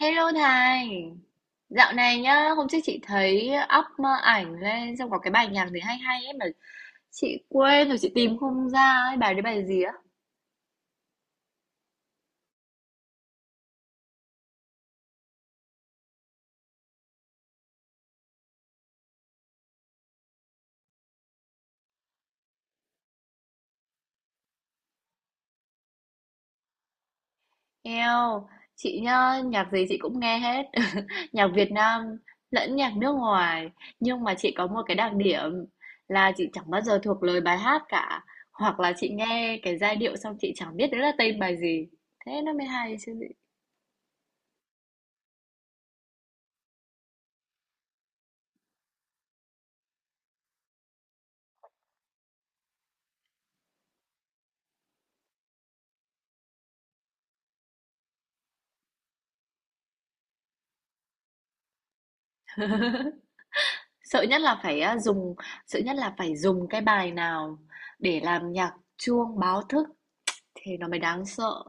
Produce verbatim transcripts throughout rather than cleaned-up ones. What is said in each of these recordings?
Hello Thành, dạo này nhá, hôm trước chị thấy up ờ, ảnh lên xong có cái bài nhạc gì hay hay ấy mà chị quên rồi chị tìm không ra ấy, bài đấy bài gì á? Eo, chị nhá, nhạc gì chị cũng nghe hết, nhạc Việt Nam lẫn nhạc nước ngoài, nhưng mà chị có một cái đặc điểm là chị chẳng bao giờ thuộc lời bài hát cả, hoặc là chị nghe cái giai điệu xong chị chẳng biết đấy là tên bài gì, thế nó mới hay chứ. Sợ nhất là phải á, dùng Sợ nhất là phải dùng cái bài nào để làm nhạc chuông báo thức thì nó mới đáng sợ.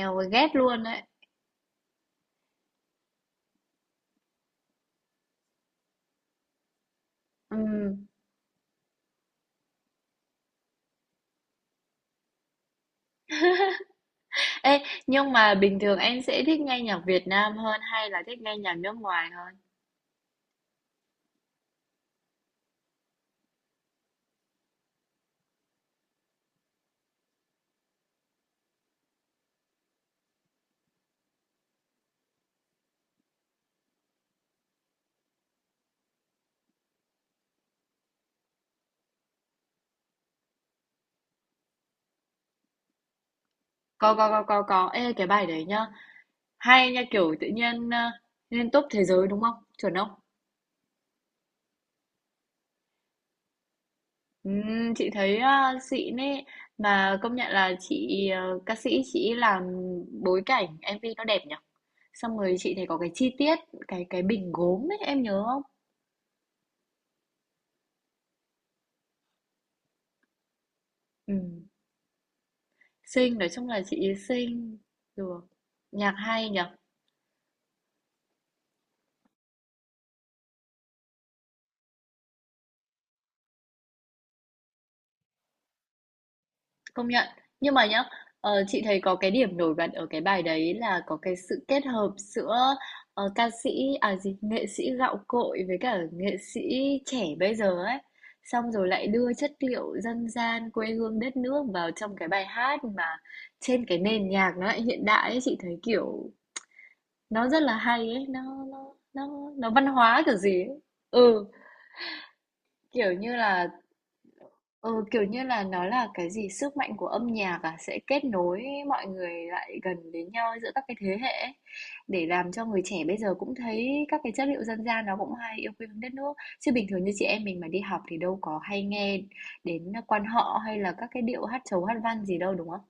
Eo ghét luôn đấy. Ừm. Ê, nhưng mà bình thường em sẽ thích nghe nhạc Việt Nam hơn hay là thích nghe nhạc nước ngoài hơn? Có có có có có. Ê cái bài đấy nhá. Hay nha, kiểu tự nhiên ờ, lên top thế giới đúng không? Chuẩn không? Ừm, chị thấy ờ, xịn ấy, mà công nhận là chị ờ, ca sĩ chị làm bối cảnh em vê nó đẹp nhỉ. Xong rồi chị thấy có cái chi tiết, cái cái bình gốm ấy, em nhớ không? Ừm, xinh, nói chung là chị ý xinh. Được. Nhạc hay nhở, công nhận. Nhưng mà nhá, ờ, chị thấy có cái điểm nổi bật ở cái bài đấy là có cái sự kết hợp giữa ờ, ca sĩ, à gì, nghệ sĩ gạo cội với cả nghệ sĩ trẻ bây giờ ấy. Xong rồi lại đưa chất liệu dân gian quê hương đất nước vào trong cái bài hát mà trên cái nền nhạc nó lại hiện đại ấy, chị thấy kiểu nó rất là hay ấy, nó nó nó nó văn hóa kiểu gì ấy. Ừ, kiểu như là ừ, kiểu như là nó là cái gì sức mạnh của âm nhạc à, sẽ kết nối mọi người lại gần đến nhau giữa các cái thế hệ ấy, để làm cho người trẻ bây giờ cũng thấy các cái chất liệu dân gian nó cũng hay, yêu quê hương đất nước. Chứ bình thường như chị em mình mà đi học thì đâu có hay nghe đến quan họ hay là các cái điệu hát chầu hát văn gì đâu đúng không?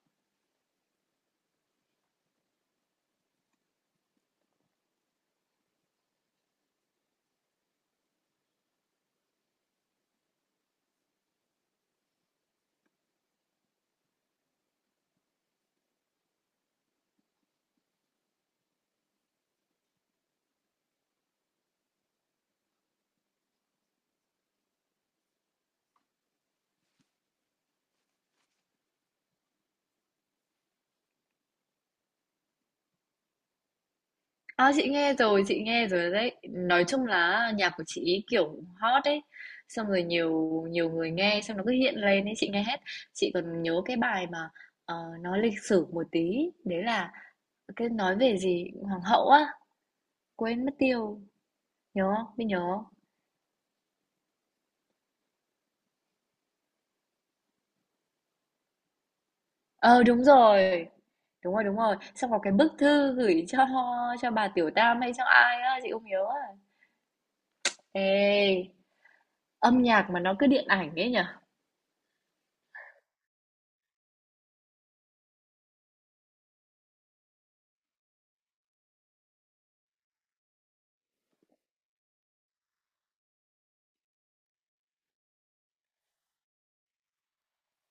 À, chị nghe rồi, chị nghe rồi đấy. Nói chung là nhạc của chị ý kiểu hot ấy. Xong rồi nhiều nhiều người nghe xong nó cứ hiện lên ấy, chị nghe hết. Chị còn nhớ cái bài mà ờ, nó lịch sử một tí, đấy là cái nói về gì hoàng hậu á, quên mất tiêu, nhớ không? Biết nhớ không? Ờ đúng rồi. Đúng rồi, đúng rồi. Xong có cái bức thư gửi cho cho bà Tiểu Tam hay cho ai á, chị không nhớ. À. Ê, âm nhạc mà nó cứ điện ảnh ấy nhở?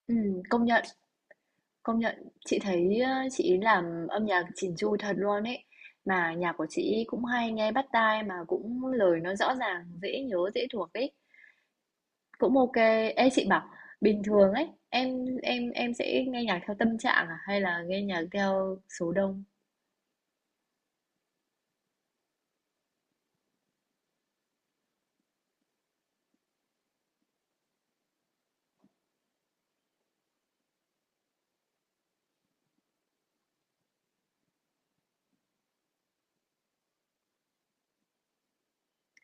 Ừ, công nhận. Công nhận, chị thấy, ơ, chị làm âm nhạc chỉn chu thật luôn ấy. Mà nhạc của chị cũng hay nghe bắt tai, mà cũng lời nó rõ ràng, dễ nhớ, dễ thuộc ấy. Cũng ok. Ê, chị bảo, bình thường ấy, em em em sẽ nghe nhạc theo tâm trạng à hay là nghe nhạc theo số đông?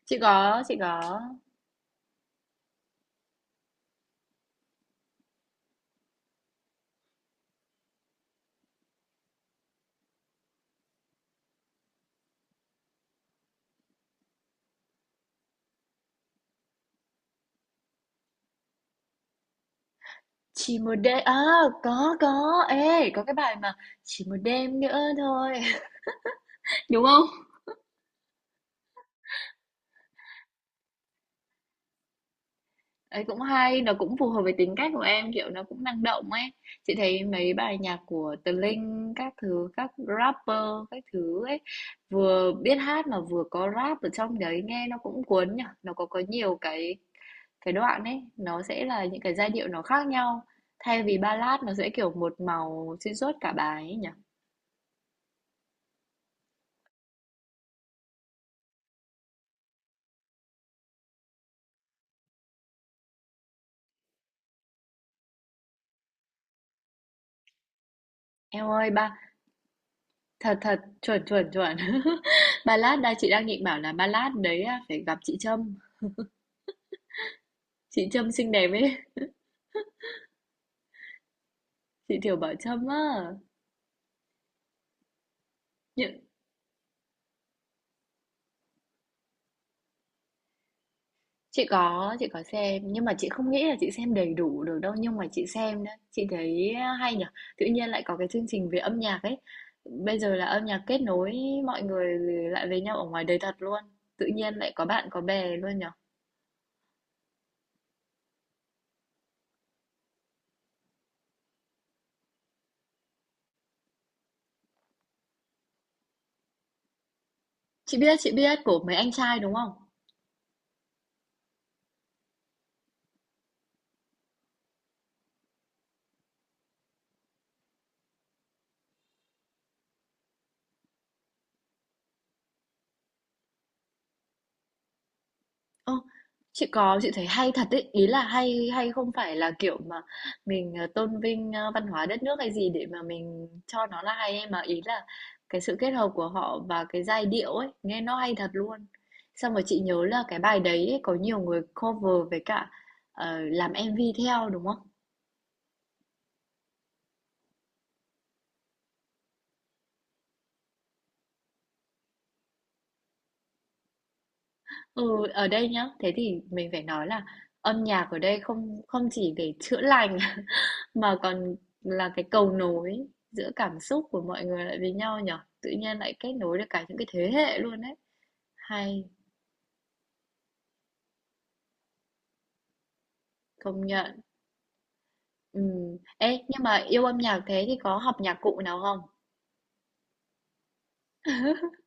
Chị có chị có. Chỉ một đêm à, có có. Ê, có cái bài mà Chỉ một đêm nữa thôi, đúng không? Ấy, cũng hay, nó cũng phù hợp với tính cách của em, kiểu, nó cũng năng động ấy. Chị thấy mấy bài nhạc của Tờ Linh, các thứ, các rapper, các thứ ấy, vừa biết hát mà vừa có rap ở trong đấy, nghe nó cũng cuốn nhở. Nó có có nhiều cái cái đoạn ấy, nó sẽ là những cái giai điệu nó khác nhau. Thay vì ballad nó sẽ kiểu một màu xuyên suốt cả bài ấy nhở. Em ơi, ba, thật thật, chuẩn chuẩn chuẩn. Ballad, đây chị đang định bảo là ballad đấy à, phải gặp chị Trâm. Chị Trâm xinh đẹp ấy. Chị Thiều Bảo Trâm á. Những chị có, chị có xem, nhưng mà chị không nghĩ là chị xem đầy đủ được đâu, nhưng mà chị xem đấy chị thấy hay nhở, tự nhiên lại có cái chương trình về âm nhạc ấy, bây giờ là âm nhạc kết nối mọi người lại với nhau ở ngoài đời thật luôn, tự nhiên lại có bạn có bè luôn nhở. Chị biết chị biết của mấy anh trai đúng không. Ơ, chị có, chị thấy hay thật ấy, ý là hay, hay không phải là kiểu mà mình ờ, tôn vinh ờ, văn hóa đất nước hay gì để mà mình cho nó là hay ấy, mà ý là cái sự kết hợp của họ và cái giai điệu ấy nghe nó hay thật luôn, xong rồi chị nhớ là cái bài đấy ấy, có nhiều người cover với cả ờ, làm em vê theo, đúng không. Ừ ở đây nhá, thế thì mình phải nói là âm nhạc ở đây không không chỉ để chữa lành mà còn là cái cầu nối giữa cảm xúc của mọi người lại với nhau nhở. Tự nhiên lại kết nối được cả những cái thế hệ luôn đấy. Hay, công nhận. Ừm. Ê, nhưng mà yêu âm nhạc thế thì có học nhạc cụ nào không?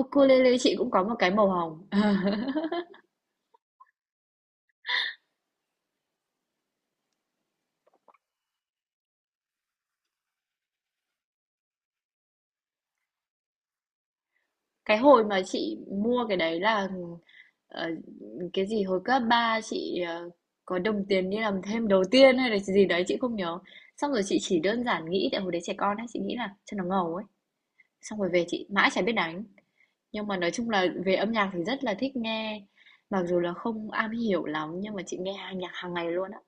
Ukulele chị cũng có một cái màu hồng. Cái hồi mà chị mua cái đấy là ờ, cái gì hồi cấp ba chị ờ, có đồng tiền đi làm thêm đầu tiên hay là gì đấy chị không nhớ. Xong rồi chị chỉ đơn giản nghĩ tại hồi đấy trẻ con ấy, chị nghĩ là cho nó ngầu ấy. Xong rồi về chị mãi chả biết đánh. Nhưng mà nói chung là về âm nhạc thì rất là thích nghe, mặc dù là không am hiểu lắm nhưng mà chị nghe hàng nhạc hàng ngày luôn á.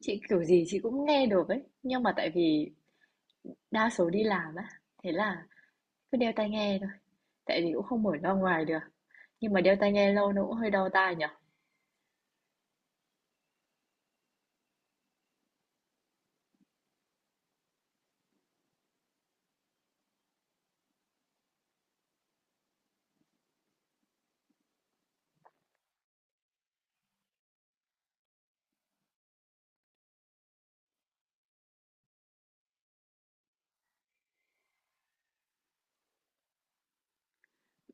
Chị kiểu gì chị cũng nghe được ấy, nhưng mà tại vì đa số đi làm á, thế là cứ đeo tai nghe thôi, tại vì cũng không mở ra ngoài được. Nhưng mà đeo tai nghe lâu nó cũng hơi đau tai nhở.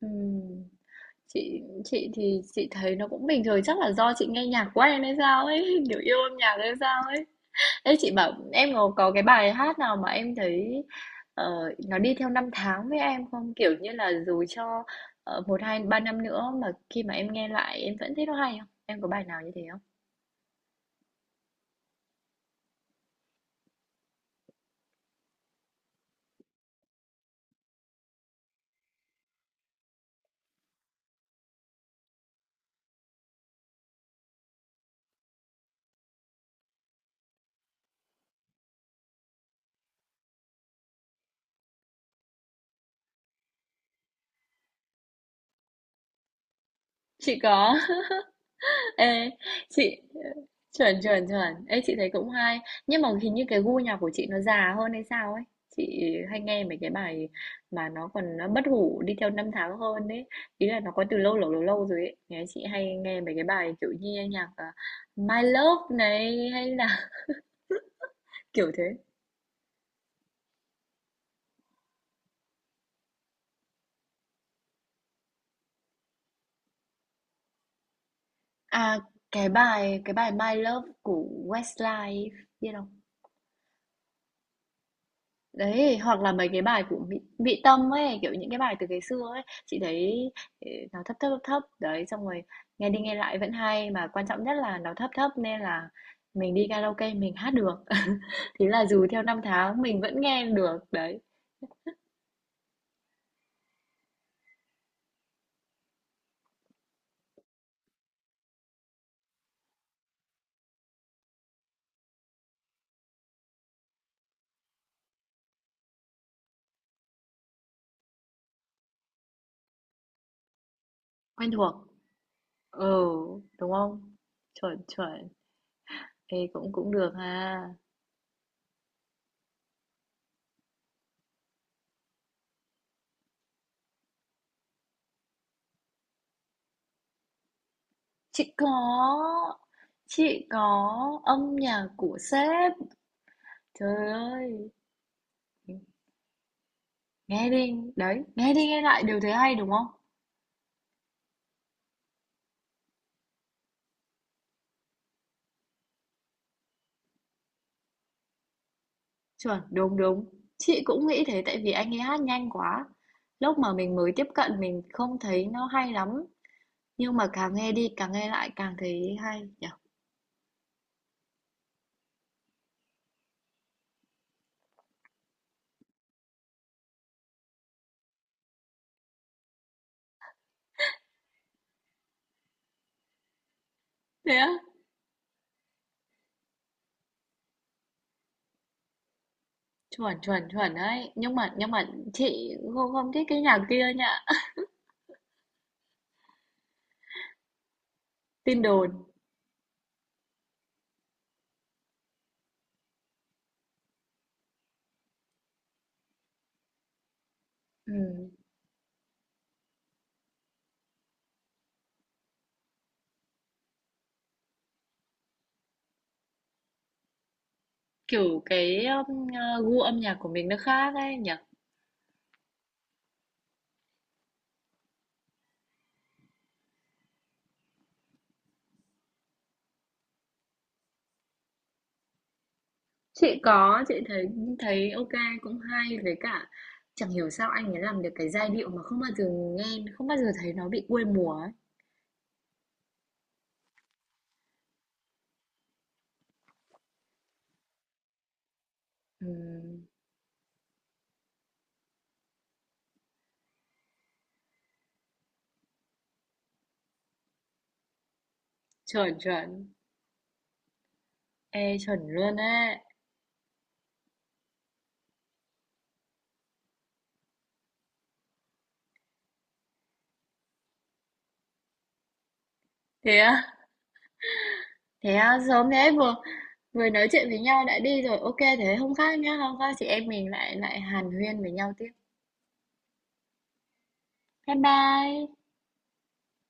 Ừm, chị chị thì chị thấy nó cũng bình thường, chắc là do chị nghe nhạc quen hay sao ấy, kiểu yêu âm nhạc hay sao ấy. Ê chị bảo em có, có cái bài hát nào mà em thấy ờ, nó đi theo năm tháng với em không? Kiểu như là dù cho uh, một hai ba năm nữa mà khi mà em nghe lại em vẫn thấy nó hay không? Em có bài nào như thế không? Chị có. Ê, chị chuẩn chuẩn chuẩn. Ê, chị thấy cũng hay, nhưng mà hình như cái gu nhạc của chị nó già hơn hay sao ấy, chị hay nghe mấy cái bài mà nó còn nó bất hủ đi theo năm tháng hơn đấy, ý là nó có từ lâu lâu lâu lâu rồi ấy. Nghe chị hay nghe mấy cái bài kiểu như nhạc à, My Love này hay là kiểu thế. À cái bài cái bài My Love của Westlife biết không. Đấy, hoặc là mấy cái bài của Mỹ Mỹ Tâm ấy, kiểu những cái bài từ ngày xưa ấy, chị thấy, ờ, nó thấp, thấp, thấp, thấp, đấy, xong rồi nghe đi nghe lại vẫn hay, mà quan trọng nhất là nó thấp thấp nên là mình đi karaoke mình hát được. Thế là dù theo năm tháng mình vẫn nghe được, đấy, quen thuộc. Ừ, đúng không? Chuẩn, chuẩn. Ê, cũng cũng được ha. Chị có, chị có âm nhạc của sếp. Trời ơi. Nghe đi, đấy, nghe đi nghe lại đều thấy hay đúng không? Chuẩn, đúng đúng. Chị cũng nghĩ thế tại vì anh ấy hát nhanh quá. Lúc mà mình mới tiếp cận mình không thấy nó hay lắm, nhưng mà càng nghe đi càng nghe lại càng thấy hay nhỉ. Thế á? Chuẩn chuẩn chuẩn đấy. Nhưng mà nhưng mà chị không không thích cái nhạc kia nhá. Tin đồn. Ừ. Kiểu cái um, gu âm nhạc của mình nó khác ấy nhỉ. Chị có, chị thấy thấy ok, cũng hay, với cả chẳng hiểu sao anh ấy làm được cái giai điệu mà không bao giờ nghe, không bao giờ thấy nó bị quê mùa ấy. Ừm, chuẩn chuẩn, ê chuẩn luôn ấy. Thế á, thế á, sớm thế, vừa vừa nói chuyện với nhau đã đi rồi. Ok thế hôm khác nhá, hôm khác chị em mình lại lại hàn huyên với nhau tiếp. Bye bye.